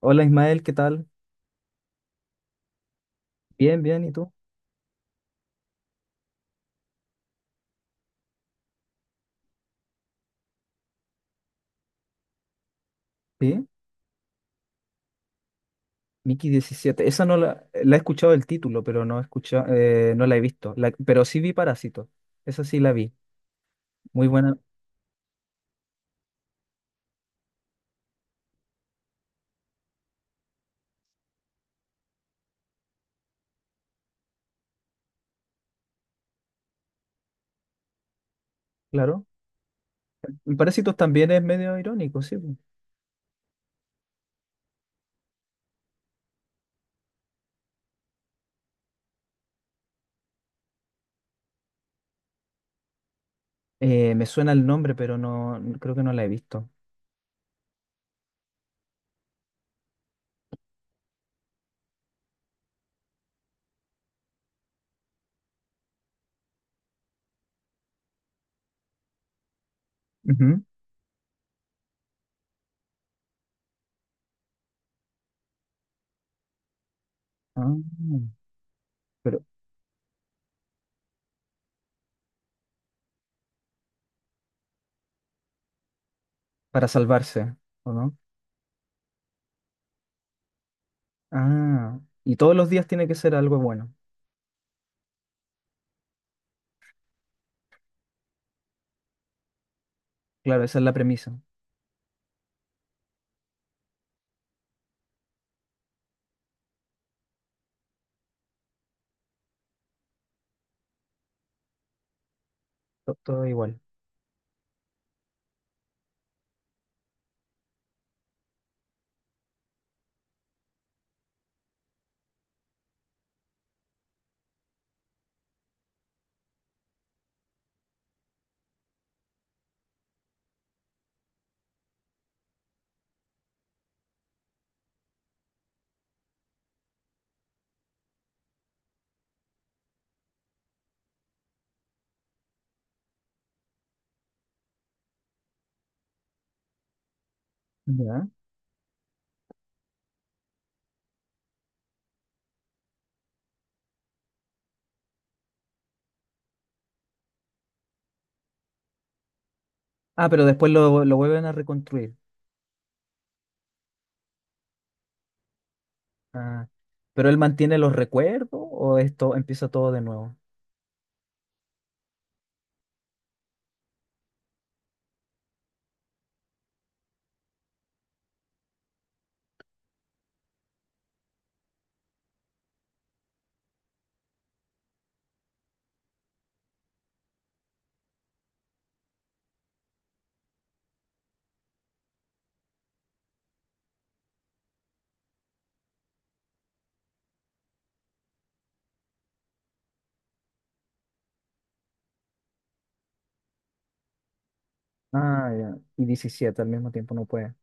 Hola Ismael, ¿qué tal? Bien, bien, ¿y tú? Sí, Mickey 17. Esa no la he escuchado el título, pero no he escuchado, no la he visto. Pero sí vi Parásitos. Esa sí la vi. Muy buena, claro. Y Parásitos también es medio irónico, sí. po. Me suena el nombre, pero no, creo que no la he visto. Ujú. Ah, pero para salvarse, ¿o no? Ah, y todos los días tiene que ser algo bueno. Claro, esa es la premisa. Todo igual. Ya. Ah, pero después lo vuelven a reconstruir. Ah, ¿pero él mantiene los recuerdos o esto empieza todo de nuevo? Ah, ya. Y 17 al mismo tiempo no puede.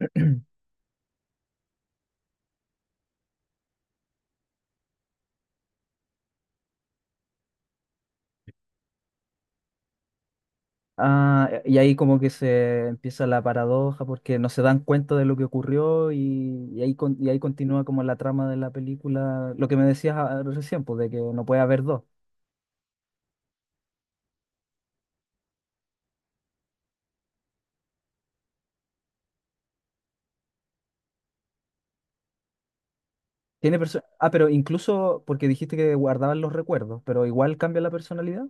Ah, y ahí como que se empieza la paradoja porque no se dan cuenta de lo que ocurrió y ahí, y ahí continúa como la trama de la película, lo que me decías ah, recién, pues, de que no puede haber dos. Ah, pero incluso porque dijiste que guardaban los recuerdos, pero igual cambia la personalidad,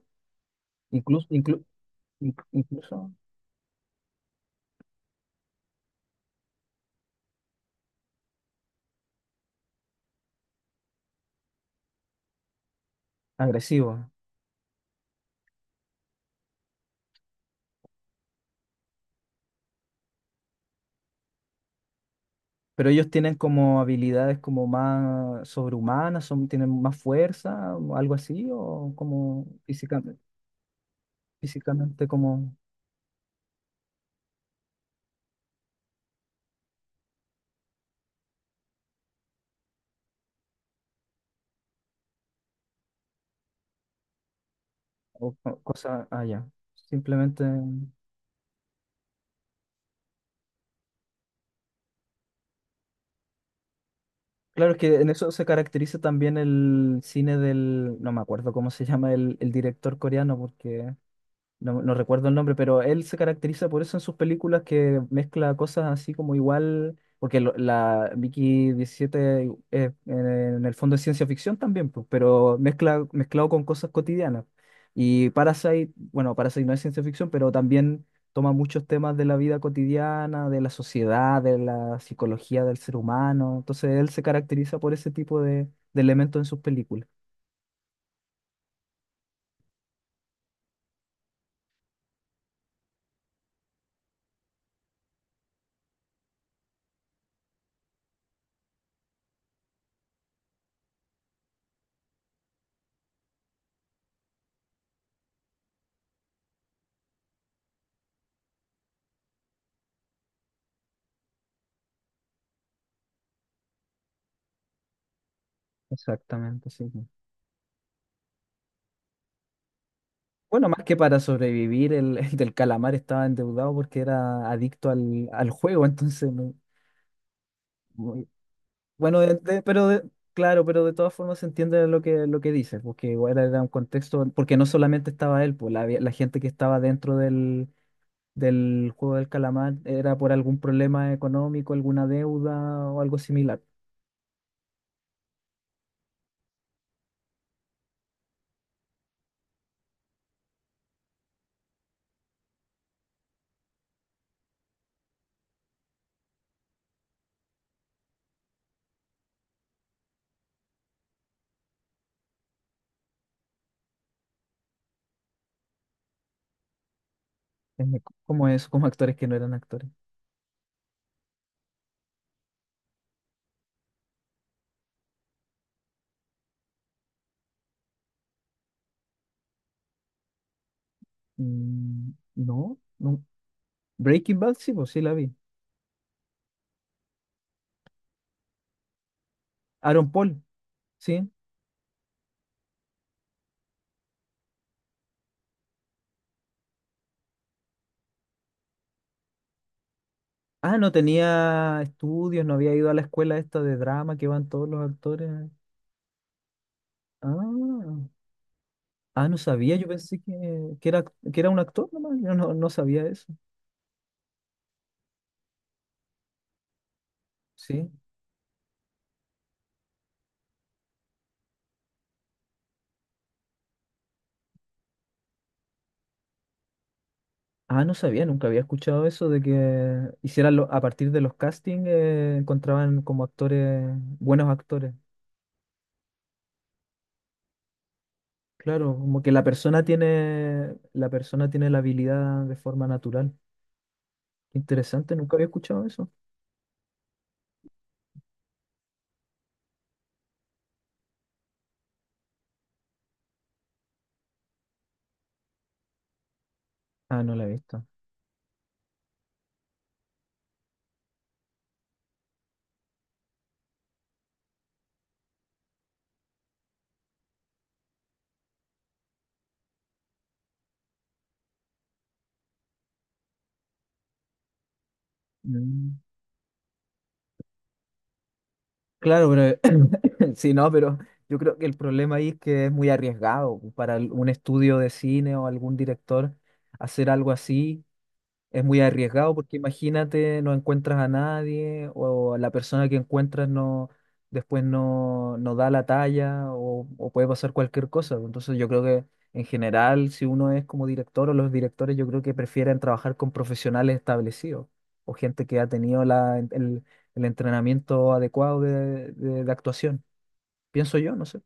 incluso, inclu- incluso agresivo. Pero ellos tienen como habilidades como más sobrehumanas, son, tienen más fuerza, o algo así, o como físicamente, físicamente como o cosa allá. Simplemente. Claro, es que en eso se caracteriza también el cine no me acuerdo cómo se llama el director coreano, porque no, no recuerdo el nombre, pero él se caracteriza por eso en sus películas que mezcla cosas así como igual, porque la Mickey 17 es, en el fondo es ciencia ficción también, pues, pero mezcla, mezclado con cosas cotidianas. Y Parasite, bueno, Parasite no es ciencia ficción, pero también toma muchos temas de la vida cotidiana, de la sociedad, de la psicología del ser humano. Entonces él se caracteriza por ese tipo de elementos en sus películas. Exactamente, sí. Bueno, más que para sobrevivir, el, el del calamar estaba endeudado porque era adicto al juego, entonces, muy- claro, pero de todas formas se entiende lo lo que dice, porque igual era un contexto, porque no solamente estaba él, pues la gente que estaba dentro del, del juego del calamar era por algún problema económico, alguna deuda o algo similar. Es mi- Como eso, como actores que no eran actores. Mm, no, no. Breaking Bad, sí, pues sí la vi. Aaron Paul, sí. Ah, no tenía estudios, no había ido a la escuela esta de drama que van todos los actores. Ah, ah, no sabía, yo pensé que era un actor nomás, yo no, no sabía eso. Sí. Ah, no sabía, nunca había escuchado eso de que hicieran a partir de los castings encontraban como actores, buenos actores. Claro, como que la persona tiene, la persona tiene la habilidad de forma natural. Interesante, nunca había escuchado eso. Ah, no la he visto. Mm. Claro, pero sí, no, pero yo creo que el problema ahí es que es muy arriesgado para un estudio de cine o algún director hacer algo así, es muy arriesgado porque imagínate, no encuentras a nadie o la persona que encuentras no después no, no da la talla o puede pasar cualquier cosa. Entonces yo creo que en general, si uno es como director o los directores, yo creo que prefieren trabajar con profesionales establecidos o gente que ha tenido el entrenamiento adecuado de, de actuación. Pienso yo, no sé.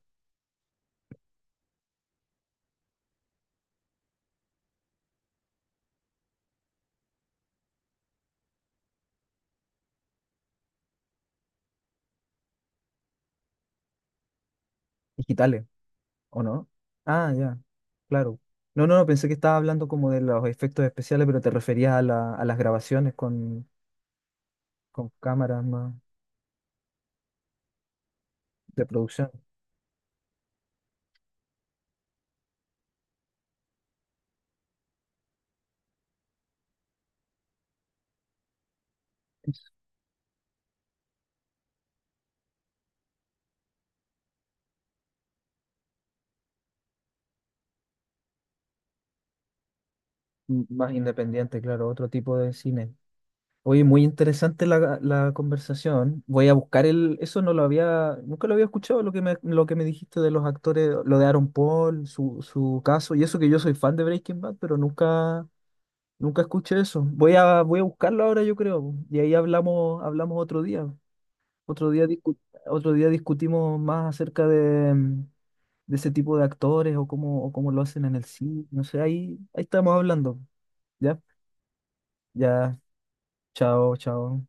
Digitales. ¿O no? Ah, ya, claro. No, no, no, pensé que estaba hablando como de los efectos especiales, pero te referías a, a las grabaciones con cámaras más de producción, más independiente, claro, otro tipo de cine. Oye, muy interesante la conversación. Voy a buscar el, eso no lo había, nunca lo había escuchado lo que me dijiste de los actores, lo de Aaron Paul, su caso, y eso que yo soy fan de Breaking Bad, pero nunca, nunca escuché eso. Voy a, voy a buscarlo ahora, yo creo, y ahí hablamos, hablamos otro día. Otro día, otro día discutimos más acerca de, mm, de ese tipo de actores o cómo lo hacen en el cine. No sé, ahí, ahí estamos hablando. ¿Ya? Ya, chao, chao.